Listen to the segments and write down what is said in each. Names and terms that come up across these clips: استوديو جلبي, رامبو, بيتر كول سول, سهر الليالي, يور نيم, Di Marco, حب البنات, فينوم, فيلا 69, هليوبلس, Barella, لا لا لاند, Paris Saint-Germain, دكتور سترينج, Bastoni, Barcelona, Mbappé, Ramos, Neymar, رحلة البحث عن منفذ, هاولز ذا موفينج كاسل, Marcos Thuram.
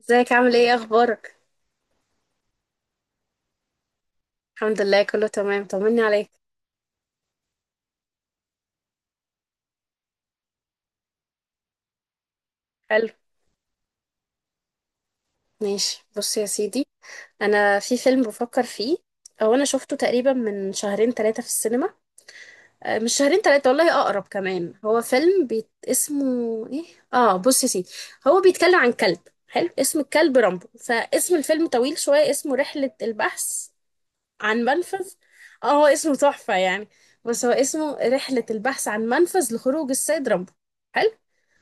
ازيك؟ عامل ايه؟ اخبارك؟ الحمد لله، كله تمام. طمني عليك. حلو، ماشي بص يا سيدي. انا في فيلم بفكر فيه او انا شفته تقريبا من شهرين ثلاثة في السينما. مش شهرين ثلاثة، والله اقرب كمان. هو فيلم اسمه ايه؟ اه، بص يا سيدي، هو بيتكلم عن كلب حلو. اسم الكلب رامبو، فاسم الفيلم طويل شوية. اسمه رحلة البحث عن منفذ. اه، هو اسمه تحفة يعني. بس هو اسمه رحلة البحث عن منفذ لخروج السيد رامبو. حلو،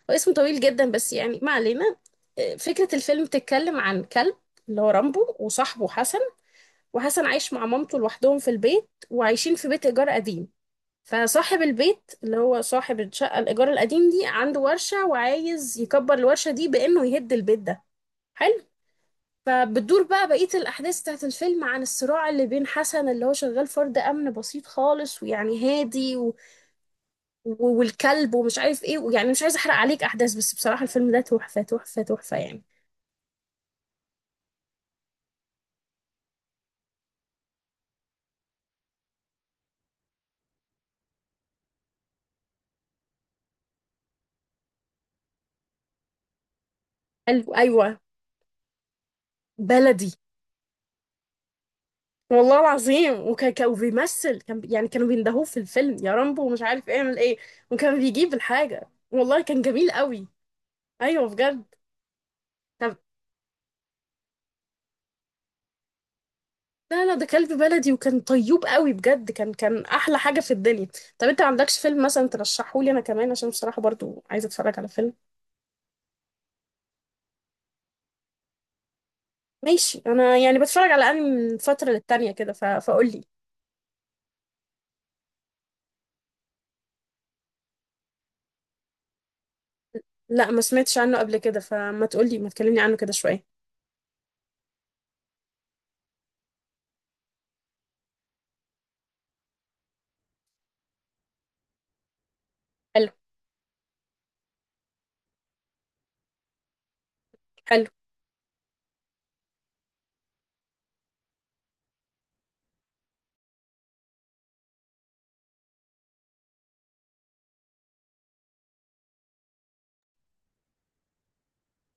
واسمه طويل جدا، بس يعني ما علينا. فكرة الفيلم تتكلم عن كلب، اللي هو رامبو، وصاحبه حسن. وحسن عايش مع مامته لوحدهم في البيت، وعايشين في بيت إيجار قديم. فصاحب البيت، اللي هو صاحب الشقة الإيجار القديم دي، عنده ورشة، وعايز يكبر الورشة دي بإنه يهد البيت ده. حلو. فبتدور بقى بقية الأحداث بتاعت الفيلم عن الصراع اللي بين حسن، اللي هو شغال فرد أمن بسيط خالص ويعني هادي، والكلب، ومش عارف ايه. يعني مش عايزه احرق عليك احداث، بس بصراحه الفيلم ده تحفه تحفه تحفه يعني. ايوه، بلدي، والله العظيم. وكان بيمثل، يعني كانوا بيندهوه في الفيلم، يا رامبو ومش عارف اعمل ايه، وكان بيجيب الحاجه. والله كان جميل قوي. ايوه بجد. طب لا لا، ده كلب بلدي، وكان طيوب قوي بجد. كان احلى حاجه في الدنيا. طب انت ما عندكش فيلم مثلا ترشحه لي انا كمان؟ عشان بصراحه برضو عايزه اتفرج على فيلم. ماشي، انا يعني بتفرج على انمي من فتره للتانيه كده فقول لي. لا، ما سمعتش عنه قبل كده، فما تقولي، ما تكلمني عنه كده شوية. حلو، حلو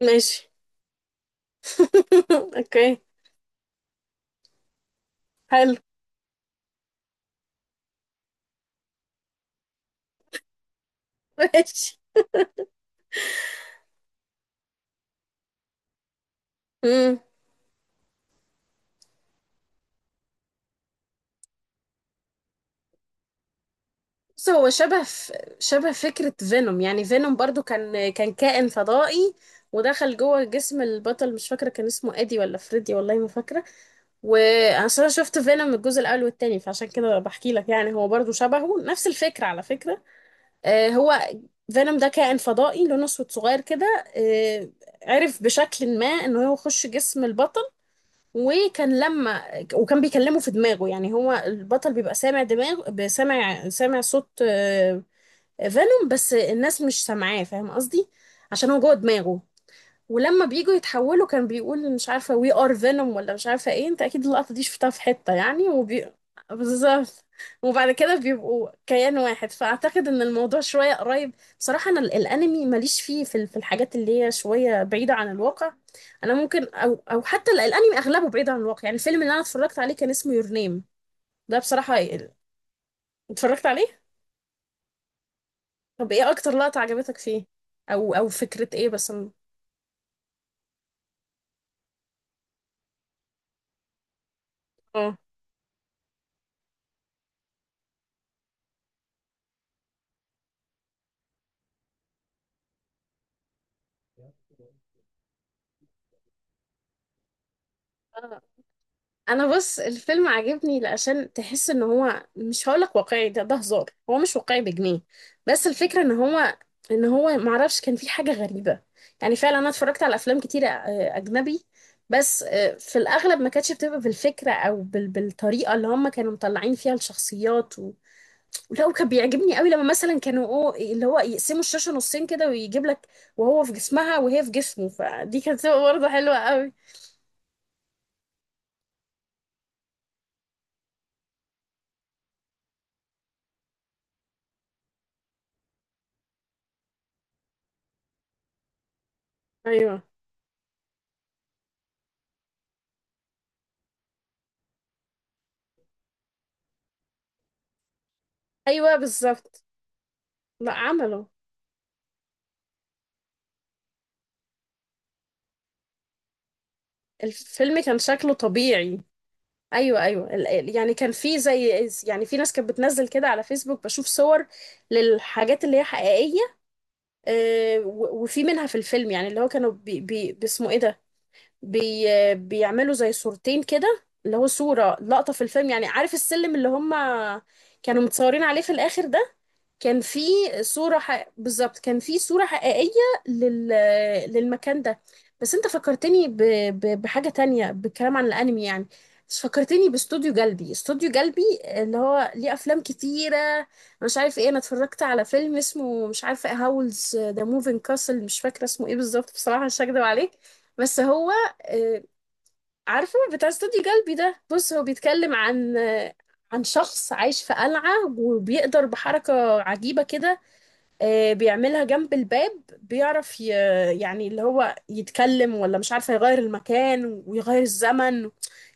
ماشي. اوكي، حلو ماشي. امم. بص، هو شبه فكرة فينوم. يعني فينوم برضو كان كائن فضائي، ودخل جوه جسم البطل. مش فاكرة كان اسمه ادي ولا فريدي، والله ما فاكرة. واصل انا شفت فينوم الجزء الاول والتاني، فعشان كده بحكي لك يعني هو برضو شبهه، نفس الفكرة على فكرة. آه، هو فينوم ده كائن فضائي لونه اسود صغير كده. عرف بشكل ما انه هو يخش جسم البطل. وكان لما وكان بيكلمه في دماغه. يعني هو البطل بيبقى سامع صوت فينوم، بس الناس مش سامعاه، فاهم قصدي؟ عشان هو جوه دماغه. ولما بييجوا يتحولوا كان بيقول مش عارفة we are venom ولا مش عارفة ايه. انت اكيد اللقطة دي شفتها في حتة يعني بالظبط. وبعد كده بيبقوا كيان واحد. فاعتقد ان الموضوع شوية قريب. بصراحة انا الانمي ماليش فيه، في في الحاجات اللي هي شوية بعيدة عن الواقع. انا ممكن، او حتى الانمي اغلبه بعيد عن الواقع يعني. الفيلم اللي انا اتفرجت عليه كان اسمه يور نيم. ده بصراحة اتفرجت عليه. طب ايه اكتر لقطة عجبتك فيه، او فكرة ايه بس؟ اه، انا بص الفيلم عجبني لأشان تحس ان هو مش هقولك واقعي، ده هزار، هو مش واقعي بجنيه، بس الفكرة ان هو، معرفش كان في حاجة غريبة. يعني فعلا انا اتفرجت على افلام كتيرة اجنبي، بس في الاغلب ما كانتش بتبقى بالفكرة او بالطريقة اللي هم كانوا مطلعين فيها الشخصيات ولا. وكان بيعجبني قوي لما مثلا كانوا، أو اللي هو، يقسموا الشاشة نصين كده ويجيب لك وهو في جسمها وهي في جسمه، فدي كانت برضه حلوة قوي. ايوه، ايوه بالظبط. لا عمله، الفيلم كان شكله طبيعي. ايوه، ايوه، يعني كان في زي، يعني في ناس كانت بتنزل كده على فيسبوك، بشوف صور للحاجات اللي هي حقيقيه. وفي منها في الفيلم، يعني اللي هو كانوا بي باسمه ايه ده، بي آه، بيعملوا زي صورتين كده، اللي هو صوره لقطه في الفيلم. يعني عارف السلم اللي هم كانوا متصورين عليه في الاخر ده، كان في بالظبط، كان في صورة حقيقية لل... للمكان ده. بس انت فكرتني بحاجة تانية، بالكلام عن الانمي يعني. بس فكرتني باستوديو جلبي، استوديو جلبي اللي هو ليه افلام كتيرة. أنا مش عارف ايه، انا اتفرجت على فيلم اسمه مش عارفة، هاولز ذا موفينج كاسل، مش فاكرة اسمه ايه بالظبط بصراحة، مش هكدب عليك. بس هو آه، عارفة بتاع استوديو جلبي ده. بص، هو بيتكلم عن شخص عايش في قلعة، وبيقدر بحركة عجيبة كده، بيعملها جنب الباب، بيعرف يعني اللي هو يتكلم، ولا مش عارفة، يغير المكان ويغير الزمن.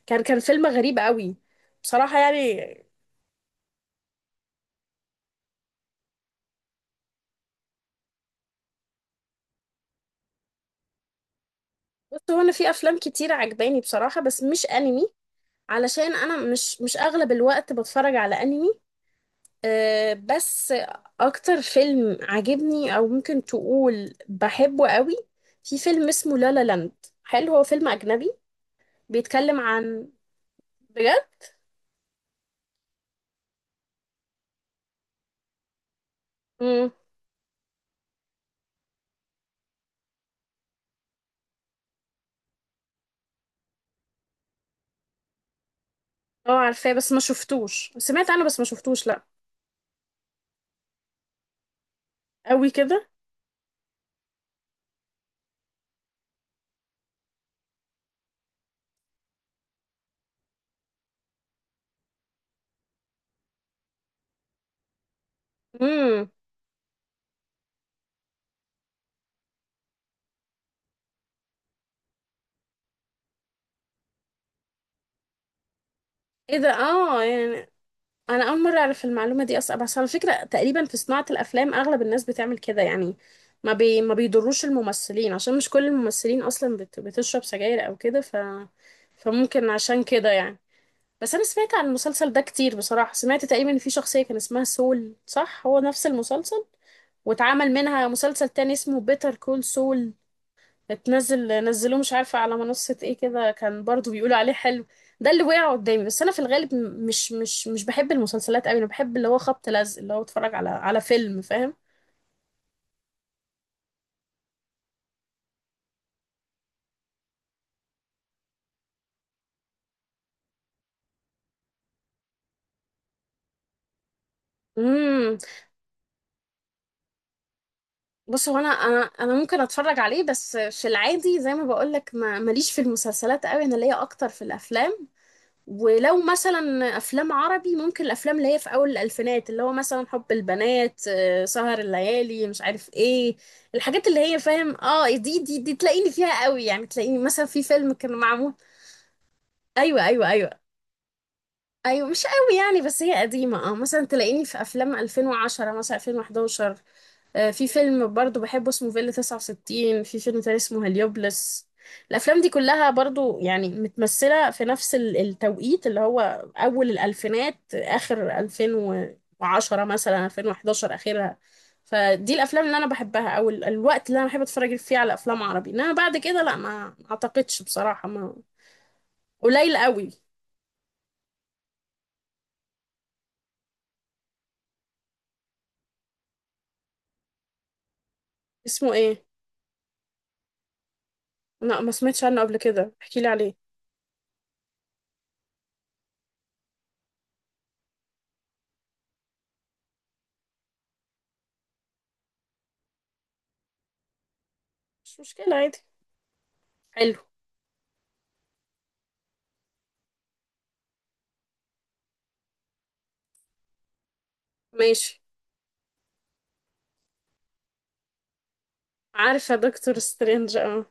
كان فيلم غريب قوي بصراحة يعني. بص، هو أنا في أفلام كتير عجباني بصراحة، بس مش أنمي. علشان أنا مش أغلب الوقت بتفرج على أنمي. أه بس، اكتر فيلم عجبني، او ممكن تقول بحبه قوي، في فيلم اسمه لا لا لاند. حلو، هو فيلم اجنبي، بيتكلم عن. بجد. امم. اه عارفاه، بس ما شفتوش. سمعت عنه، بس ما شفتوش لا. قوي كده. امم. ايه ده؟ اه يعني، انا اول مره اعرف المعلومه دي اصلا. بس على فكره، تقريبا في صناعه الافلام اغلب الناس بتعمل كده يعني، ما بيضروش الممثلين، عشان مش كل الممثلين اصلا بتشرب سجاير او كده، فممكن عشان كده يعني. بس انا سمعت عن المسلسل ده كتير بصراحه. سمعت تقريبا ان في شخصيه كان اسمها سول، صح؟ هو نفس المسلسل، واتعمل منها مسلسل تاني اسمه بيتر كول سول، اتنزل، نزلوه مش عارفة على منصة ايه كده، كان برضو بيقولوا عليه حلو. ده اللي وقع قدامي. بس انا في الغالب مش بحب المسلسلات قوي. انا بحب اللي هو خبط لزق، اللي هو اتفرج على فيلم، فاهم؟ امم. بص، هو انا ممكن اتفرج عليه، بس في العادي زي ما بقول لك ما ماليش في المسلسلات قوي. انا ليا اكتر في الافلام. ولو مثلا افلام عربي، ممكن الافلام اللي هي في اول الالفينات، اللي هو مثلا حب البنات، سهر الليالي، مش عارف ايه، الحاجات اللي هي، فاهم؟ اه، دي تلاقيني فيها قوي يعني. تلاقيني مثلا في فيلم كان معمول، ايوه ايوه ايوه، ايوه مش قوي يعني، بس هي قديمه. اه، مثلا تلاقيني في افلام 2010، مثلا 2011. في فيلم برضو بحبه اسمه فيلا 69، في فيلم تاني اسمه هليوبلس. الأفلام دي كلها برضو يعني متمثلة في نفس التوقيت اللي هو أول الألفينات، آخر 2010، مثلا 2011 آخرها. فدي الأفلام اللي أنا بحبها، أو الوقت اللي أنا بحب أتفرج فيه على أفلام عربي. إنما بعد كده لا، ما أعتقدش بصراحة ما قليل قوي. اسمه إيه؟ لا، ما سمعتش عنه قبل كده، احكيلي عليه. مش مشكلة، عادي. حلو، ماشي. عارفة دكتور سترينج، اه.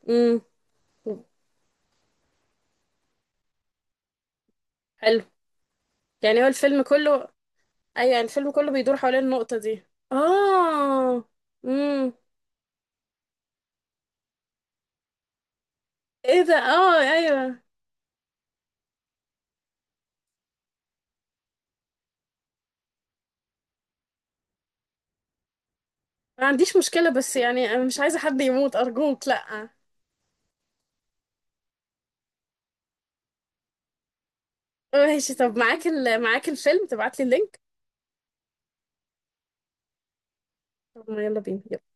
حلو، يعني هو الفيلم كله. ايوه، يعني الفيلم كله بيدور حوالين النقطة دي. اه. امم. ايه ده؟ اه، ايوه. ما عنديش مشكلة، بس يعني انا مش عايزة حد يموت ارجوك، لا. ماشي، طب معاك معاك الفيلم؟ تبعت لي اللينك. طب ما يلا بينا، يلا.